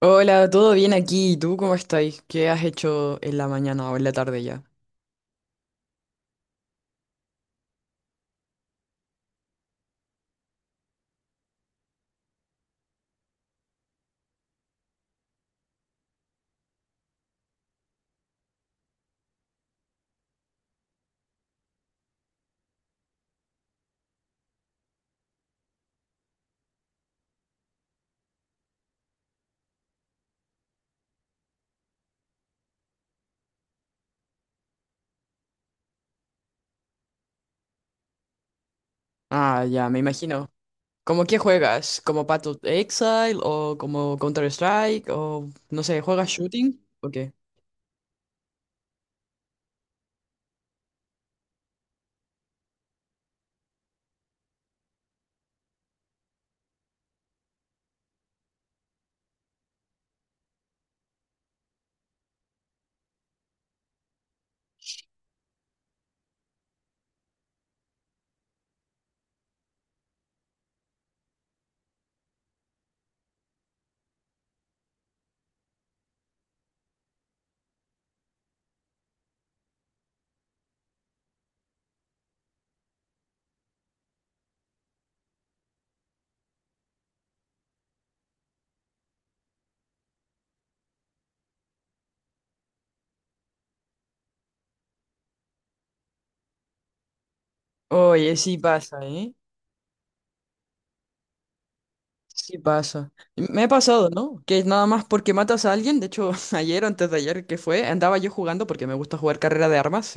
Hola, ¿todo bien aquí? ¿Y tú cómo estáis? ¿Qué has hecho en la mañana o en la tarde ya? Ah, ya, me imagino. ¿Cómo qué juegas? ¿Como Path of Exile o como Counter-Strike o no sé, juegas shooting o qué? Oye, sí pasa, ¿eh? Sí pasa. Me ha pasado, ¿no? Que nada más porque matas a alguien, de hecho, ayer o antes de ayer que fue, andaba yo jugando porque me gusta jugar carrera de armas.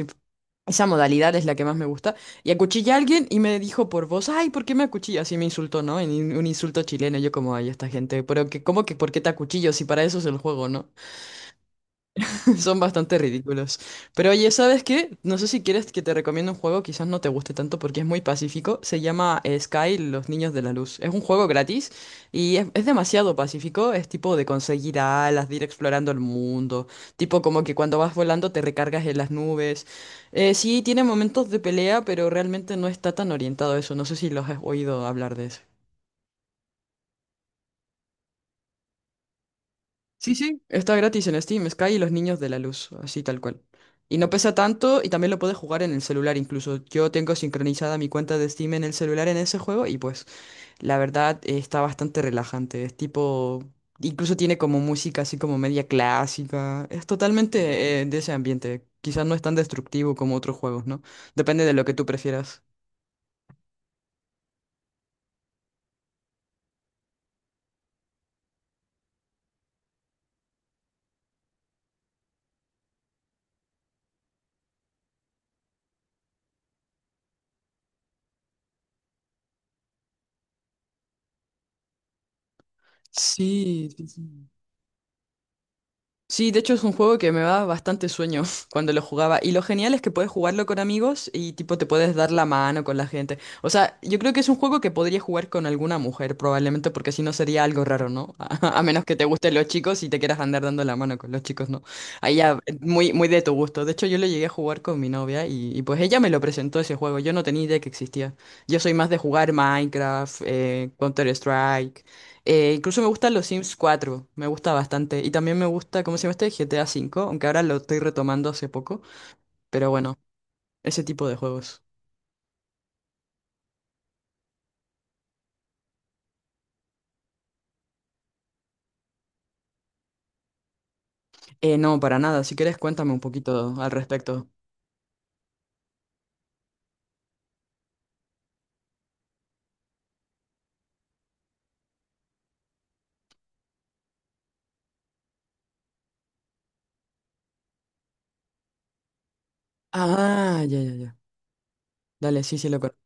Esa modalidad es la que más me gusta. Y acuchillé a alguien y me dijo por voz, ay, ¿por qué me acuchillas? Así me insultó, ¿no? En un insulto chileno, yo como, ay, esta gente, pero que, ¿cómo que por qué te acuchillo si para eso es el juego, no? Son bastante ridículos. Pero oye, ¿sabes qué? No sé si quieres que te recomiende un juego, quizás no te guste tanto porque es muy pacífico. Se llama Sky, Los Niños de la Luz. Es un juego gratis y es demasiado pacífico. Es tipo de conseguir alas, de ir explorando el mundo. Tipo como que cuando vas volando te recargas en las nubes. Sí, tiene momentos de pelea, pero realmente no está tan orientado a eso. No sé si los has oído hablar de eso. Sí, sí, está gratis en Steam, Sky y los niños de la luz, así tal cual. Y no pesa tanto y también lo puedes jugar en el celular incluso. Yo tengo sincronizada mi cuenta de Steam en el celular en ese juego y pues la verdad está bastante relajante. Es tipo, incluso tiene como música así como media clásica. Es totalmente de ese ambiente. Quizás no es tan destructivo como otros juegos, ¿no? Depende de lo que tú prefieras. Sí, sí, sí. Sí, de hecho es un juego que me da bastante sueño cuando lo jugaba. Y lo genial es que puedes jugarlo con amigos y tipo te puedes dar la mano con la gente. O sea, yo creo que es un juego que podría jugar con alguna mujer probablemente porque si no sería algo raro, ¿no? A menos que te gusten los chicos y te quieras andar dando la mano con los chicos, ¿no? Ahí ya, muy, muy de tu gusto. De hecho, yo lo llegué a jugar con mi novia y, pues ella me lo presentó ese juego. Yo no tenía idea que existía. Yo soy más de jugar Minecraft, Counter-Strike. Incluso me gustan los Sims 4 me gusta bastante. Y también me gusta, ¿cómo se llama este? GTA 5 aunque ahora lo estoy retomando hace poco. Pero bueno, ese tipo de juegos. No, para nada. Si quieres, cuéntame un poquito al respecto. Ah, ya, ya, ya. Dale, sí, sí, lo conozco.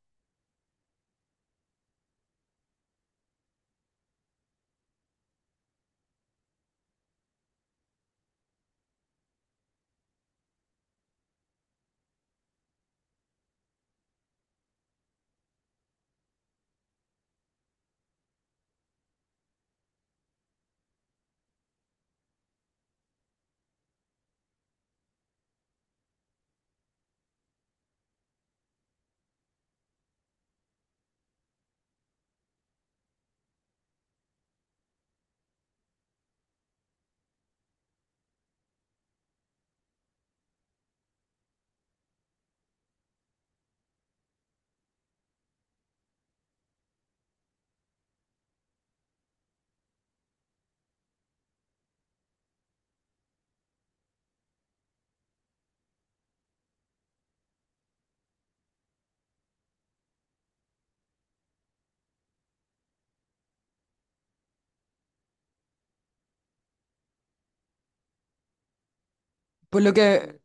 Por lo que,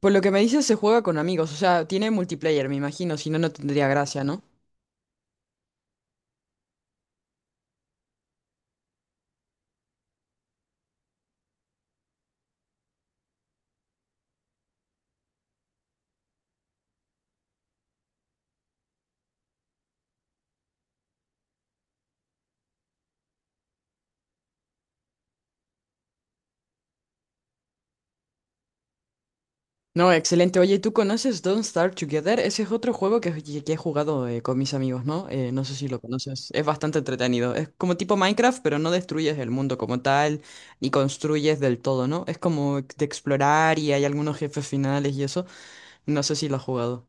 por lo que me dices, se juega con amigos. O sea, tiene multiplayer, me imagino. Si no, no tendría gracia, ¿no? No, excelente. Oye, ¿tú conoces Don't Starve Together? Ese es otro juego que he jugado con mis amigos, ¿no? No sé si lo conoces. Es bastante entretenido. Es como tipo Minecraft, pero no destruyes el mundo como tal, ni construyes del todo, ¿no? Es como de explorar y hay algunos jefes finales y eso. No sé si lo has jugado.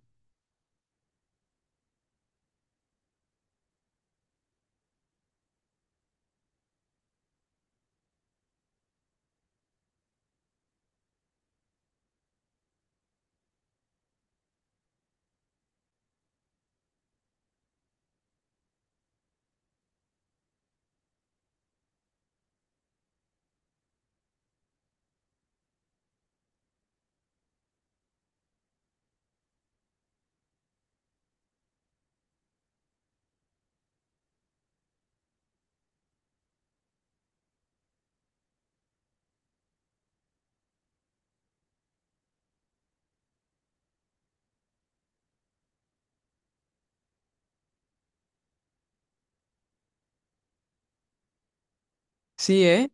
Sí, ¿eh?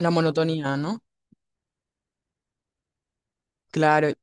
La monotonía, ¿no? Claro.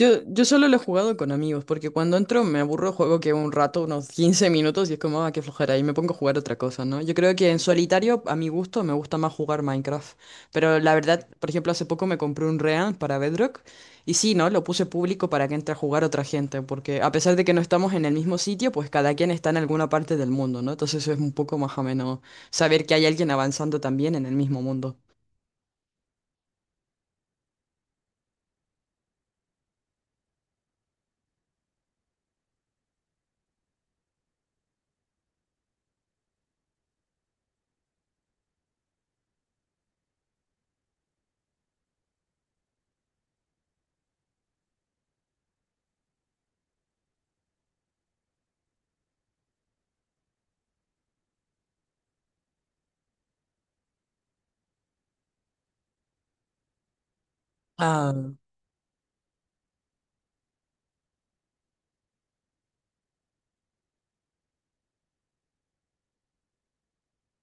Yo solo lo he jugado con amigos, porque cuando entro me aburro, juego que un rato, unos 15 minutos, y es como, ah, qué flojera, y me pongo a jugar otra cosa, ¿no? Yo creo que en solitario, a mi gusto, me gusta más jugar Minecraft. Pero la verdad, por ejemplo, hace poco me compré un Real para Bedrock, y sí, ¿no? Lo puse público para que entre a jugar otra gente, porque a pesar de que no estamos en el mismo sitio, pues cada quien está en alguna parte del mundo, ¿no? Entonces es un poco más ameno saber que hay alguien avanzando también en el mismo mundo. Ah,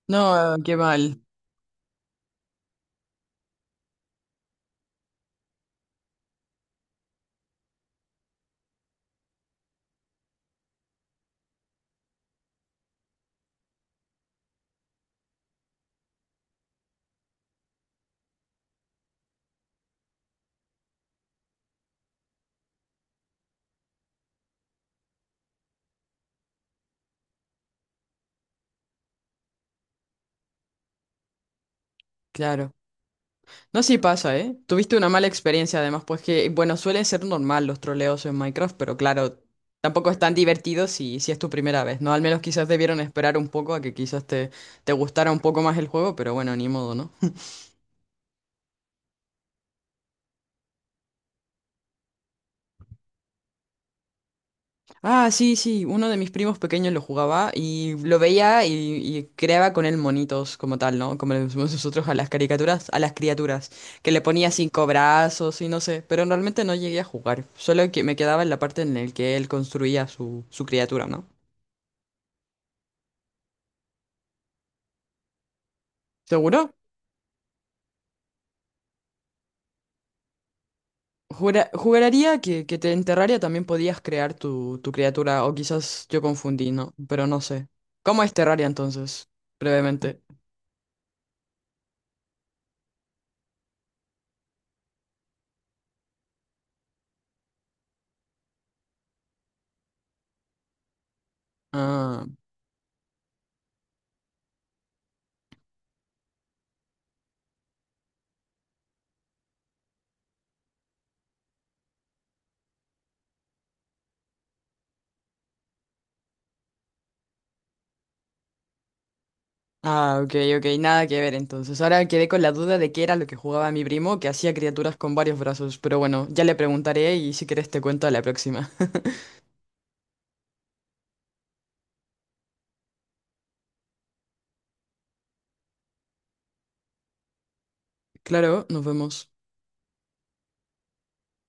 no, qué mal, claro. No, sí pasa, ¿eh? Tuviste una mala experiencia además, pues que, bueno, suele ser normal los troleos en Minecraft, pero claro, tampoco es tan divertido si, si es tu primera vez, ¿no? Al menos quizás debieron esperar un poco a que quizás te, te gustara un poco más el juego, pero bueno, ni modo, ¿no? Ah, sí, sí, uno de mis primos pequeños lo jugaba y lo veía y creaba con él monitos como tal, ¿no? Como le decimos nosotros a las caricaturas, a las criaturas, que le ponía 5 brazos y no sé, pero realmente no llegué a jugar, solo que me quedaba en la parte en la que él construía su criatura, ¿no? ¿Seguro? Juraría en Terraria también podías crear tu criatura, o quizás yo confundí, ¿no? Pero no sé. ¿Cómo es Terraria entonces? Brevemente. Ah, ah, ok, ok, nada que ver entonces. Ahora quedé con la duda de qué era lo que jugaba mi primo, que hacía criaturas con varios brazos, pero bueno, ya le preguntaré y si querés te cuento a la próxima. Claro, nos vemos.